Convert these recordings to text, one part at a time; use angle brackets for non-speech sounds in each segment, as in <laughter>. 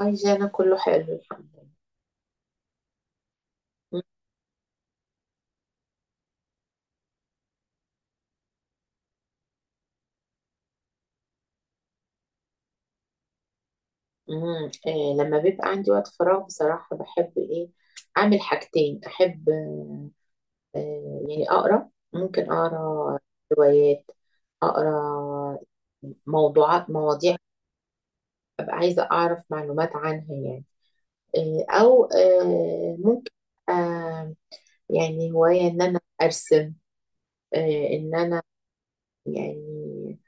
عايزة أنا كله حلو الحمد لله. أمم، آه، لما بيبقى عندي وقت فراغ بصراحة بحب إيه أعمل حاجتين. أحب آه، آه، يعني أقرأ، ممكن أقرأ روايات، أقرأ موضوعات، مواضيع أبقى عايزة أعرف معلومات عنها يعني. أو ممكن آه، يعني هواية إن أنا أرسم، إن أنا يعني.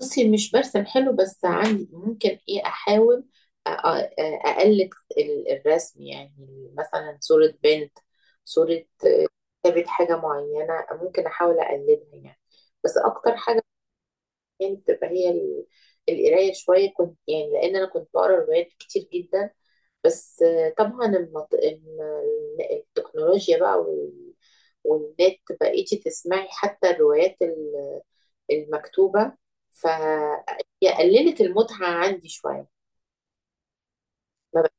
بصي مش برسم حلو بس عندي ممكن ايه احاول اقلد الرسم، يعني مثلا صورة بنت، صورة، كتابة حاجة معينة ممكن احاول اقلدها يعني. بس اكتر حاجة يعني بتبقى هي القراية شوية، كنت يعني، لان انا كنت بقرا روايات كتير جدا. بس طبعا التكنولوجيا بقى والنت بقيتي تسمعي حتى الروايات المكتوبة، فهي قللت المتعة عندي شوية. ما بقى-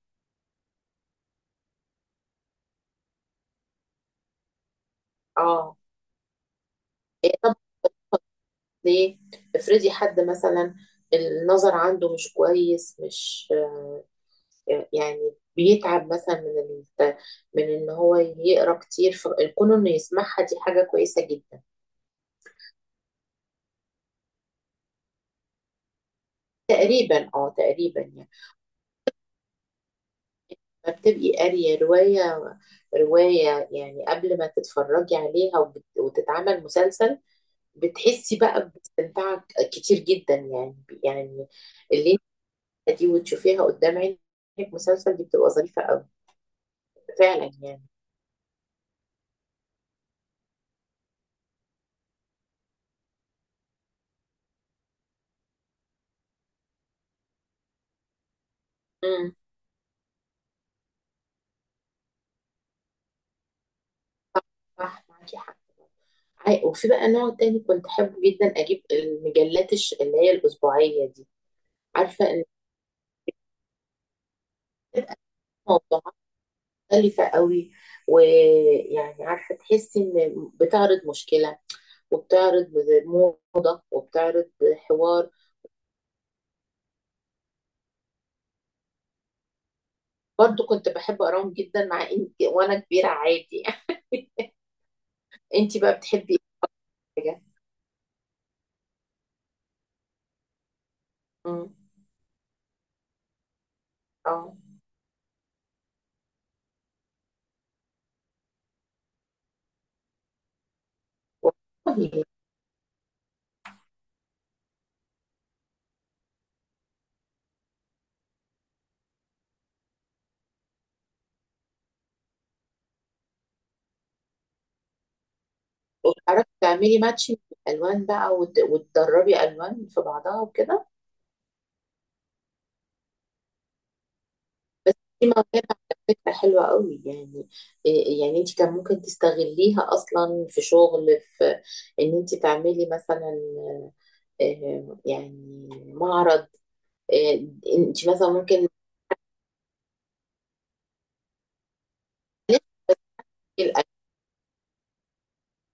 اه. إيه، طب ليه؟ افرضي حد مثلا النظر عنده مش كويس، مش يعني بيتعب مثلا من ال... من ان هو يقرا كتير، فكون انه يسمعها دي حاجة كويسة جدا. تقريبا، اه، تقريبا يعني. ما بتبقي قارية رواية، يعني قبل ما تتفرجي عليها وتتعمل مسلسل، بتحسي بقى باستمتاع كتير جدا يعني، يعني الليلة دي وتشوفيها قدام عينك مسلسل دي، بتبقى ظريفة أوي. فعلا يعني. امم، صح، صح معاكي حق. عاي- وفي بقى نوع تاني كنت أحب جدا أجيب المجلات اللي هي الأسبوعية دي، عارفة، إن موضوعات مختلفة قوي، ويعني عارفة تحسي إن بتعرض مشكلة، وبتعرض موضة، وبتعرض حوار. برضو كنت بحب أقراهم جدا، مع إن وأنا كبيرة عادي. انتي بقى بتحبي ايه حاجه؟ امم، اه، والله. وبتعرفي تعملي ماتشنج الالوان بقى وتدربي الوان في بعضها وكده. دي موهبه على فكره حلوه قوي يعني. إيه- يعني انت كان ممكن تستغليها اصلا في شغل، في ان انت تعملي مثلا يعني معرض، آه، انت مثلا ممكن،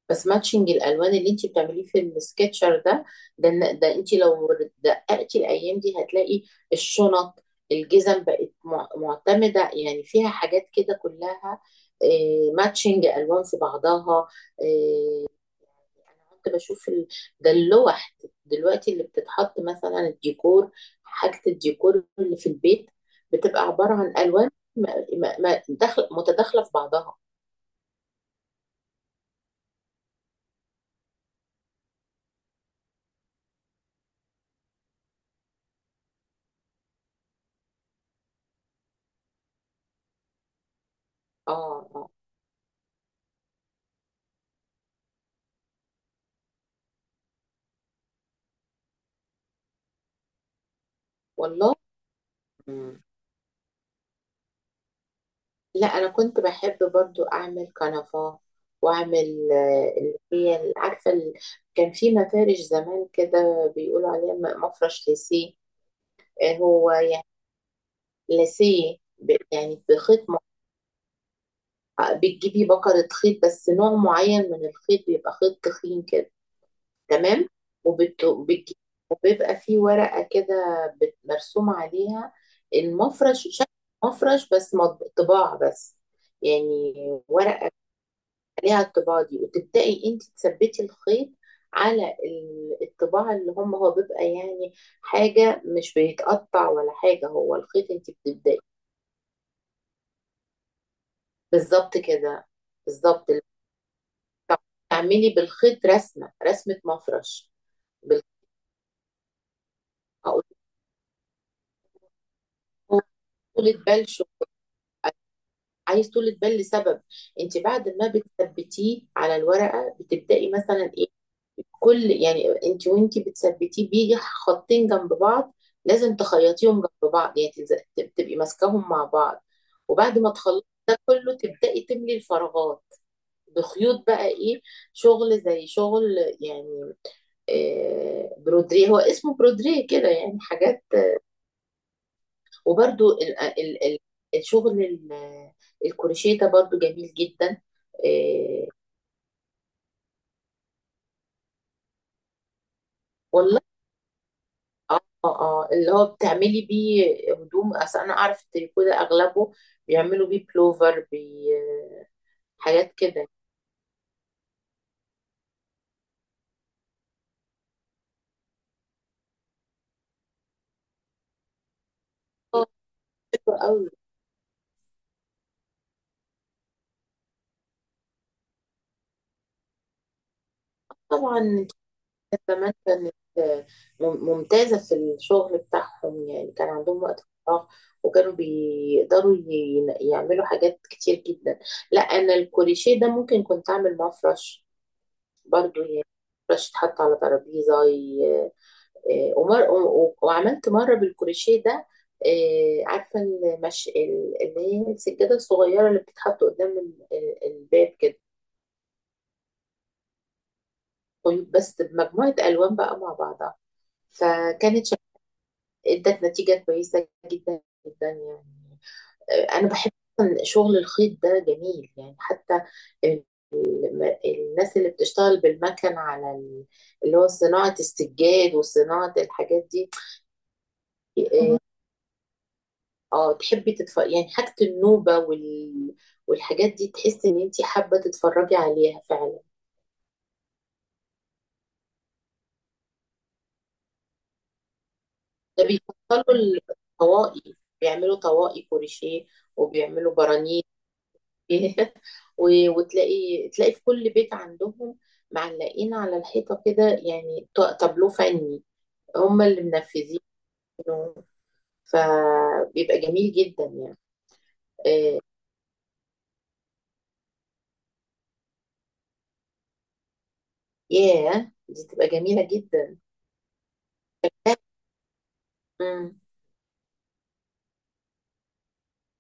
بس ماتشنج الالوان اللي انت بتعمليه في السكتشر ده، ده إن- ده انت لو دققتي الايام دي هتلاقي الشنط، الجزم بقت مع- معتمده يعني، فيها حاجات كده كلها ماتشنج الوان في بعضها. آه، انا كنت بشوف ده اللوح دلوقتي اللي بتتحط مثلا الديكور، حاجه الديكور اللي في البيت بتبقى عباره عن الوان م- م- داخل- متداخله في بعضها. اه آه. والله، لا انا كنت بحب برضو اعمل كنفة، واعمل اللي هي ال- عارفه ال- كان في مفارش زمان كده بيقولوا عليها م- مفرش ليسيه، هو يعني ليسيه ب- يعني بخيط م- بتجيبي بكرة خيط، بس نوع معين من الخيط بيبقى خيط تخين كده. تمام، وبت... بتجي- وبيبقى فيه ورقة كده بت- مرسومة عليها المفرش، شكل مفرش بس مط- طباع بس يعني، ورق عليها الطباعة دي، وتبدأي انت تثبتي الخيط على ال- الطباعة اللي هم هو بيبقى يعني حاجة مش بيتقطع ولا حاجة، هو الخيط انت بتبدأي. بالظبط كده، بالظبط، تعملي بالخيط رسمة، رسمة مفرش. بال- هقول لكم طولة بال شو؟ عايز طولة بال لسبب، انت بعد ما بتثبتيه على الورقة بتبدأي مثلا ايه؟ كل يعني انت وانت بتثبتيه بيجي خطين جنب بعض، لازم تخيطيهم جنب بعض يعني تز- تبقي ماسكاهم مع بعض، وبعد ما تخلصي ده كله تبدأي تملي الفراغات بخيوط بقى ايه، شغل زي شغل يعني برودريه، هو اسمه برودريه كده يعني، حاجات. وبرده ال الشغل ال- الكروشيه ده برضو جميل جدا. آه، والله، اه اه، اللي هو بتعملي بيه هدوم، اصل انا اعرف التريكو ده اغلبه بيعملوا بيه بلوفر بي، حاجات كده. اه، حلوة قوي. طبعا انت عارفة زمان كانت مم- ممتازة في الشغل بتاعهم يعني، كان عندهم وقت فراغ، وكانوا بيقدروا يعملوا حاجات كتير جدا. لا انا الكوريشيه ده ممكن كنت اعمل معاه فرش برضو يعني، فرش يتحط على ترابيزة. ومر... و- وعملت مرة بالكروشيه ده عارفة المش... ال- اللي هي السجادة الصغيرة اللي بتتحط قدام ال- ال- الباب كده. طيب بس بمجموعة ألوان بقى مع بعضها، فكانت شك... ادت نتيجة كويسة جدا، جدا يعني. أنا بحب أصلاً شغل الخيط ده جميل يعني، حتى ال- الم- الناس اللي بتشتغل بالمكن على ال- اللي هو صناعة السجاد وصناعة الحاجات دي. آه، اه تحبي تتفرجي يعني حاجة النوبة والحاجات دي، تحسي ان انتي حابة تتفرجي عليها فعلا. ده بيفصلوا الطواقي، بيعملوا طواقي كروشيه، وبيعملوا برانيت. <laughs> وتلاقي، تلاقي في كل بيت عندهم معلقين على الحيطة كده يعني، ط- تابلو فني هم اللي منفذينه، فبيبقى جميل جدا يعني. آه، ياه دي تبقى جميلة جدا. مم،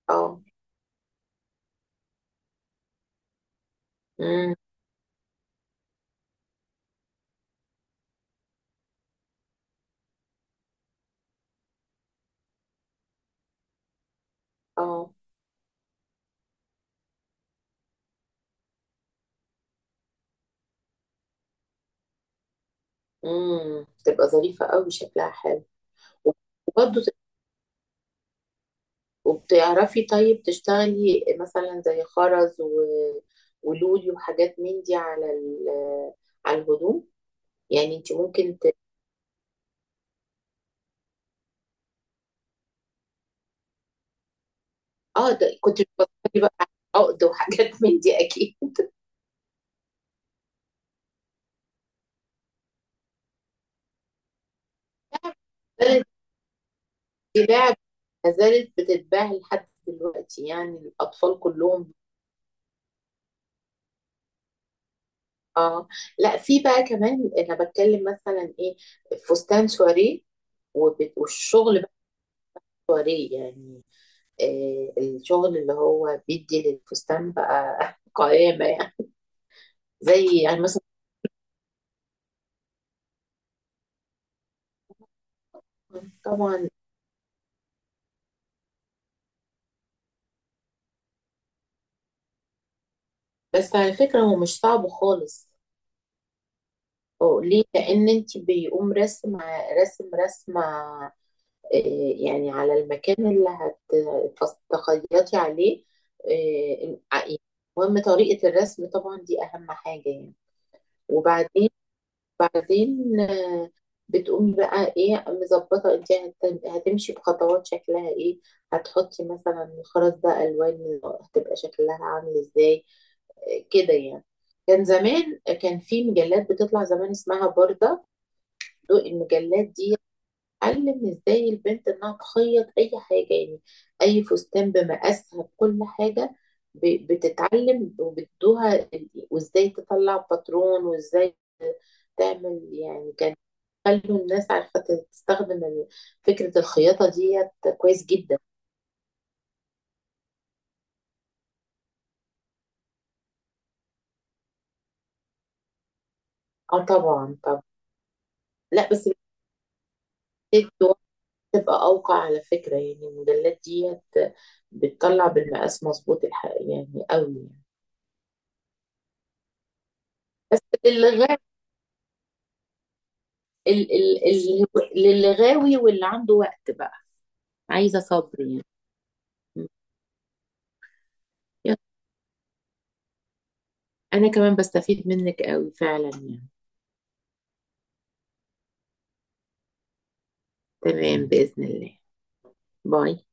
اه، مم، اه، امم، تبقى ظريفة قوي شكلها حلو. وبرضه ت- وبتعرفي طيب تشتغلي مثلا زي خرز ولولي وحاجات من دي على على الهدوم، يعني انت ممكن ت... اه ده كنت بتفكري بقى على عقد وحاجات من دي اكيد. <laughs> زالت بتتباع، ما زالت بتتباع لحد دلوقتي يعني الاطفال كلهم. اه. لا في بقى كمان انا بتكلم مثلا ايه، فستان سواريه، وبت... والشغل بقى سواريه يعني، الشغل اللي هو بيدي للفستان بقى <laughs> قيامة يعني، زي يعني مثلا. طبعا. بس على فكرة هو مش صعب خالص، هو ليه؟ لأن انت بيقوم رسم، رسمة آه، يعني على المكان اللي هتخيطي عليه. آه، المهم طريقة الرسم طبعا دي أهم حاجة يعني. وبعدين بعدين آه، بتقومي بقى ايه مظبطه انت، هت- هتمشي بخطوات شكلها ايه، هتحطي مثلا الخرز ده الوان هتبقى شكلها عامل ازاي، كده يعني. كان زمان كان في مجلات بتطلع زمان اسمها بوردة، دول المجلات دي علم ازاي البنت انها تخيط اي حاجه يعني، اي فستان بمقاسها بكل حاجه، ب- بتتعلم وبتدوها ال- وازاي تطلع باترون وازاي تعمل يعني، كان خلوا الناس عارفة تستخدم ال- فكرة الخياطة ديت كويس جدا. اه طبعا، طبعا. لا بس محتاج وقت تبقى أوقع على فكرة يعني، الموديلات ديت بتطلع بالمقاس مظبوط، الحق يعني قوي يعني. بس للي غاوي، للي غاوي واللي عنده وقت بقى، عايزة صبر يعني. يلا، أنا كمان بستفيد منك قوي فعلا يعني. تمام بإذن الله. باي.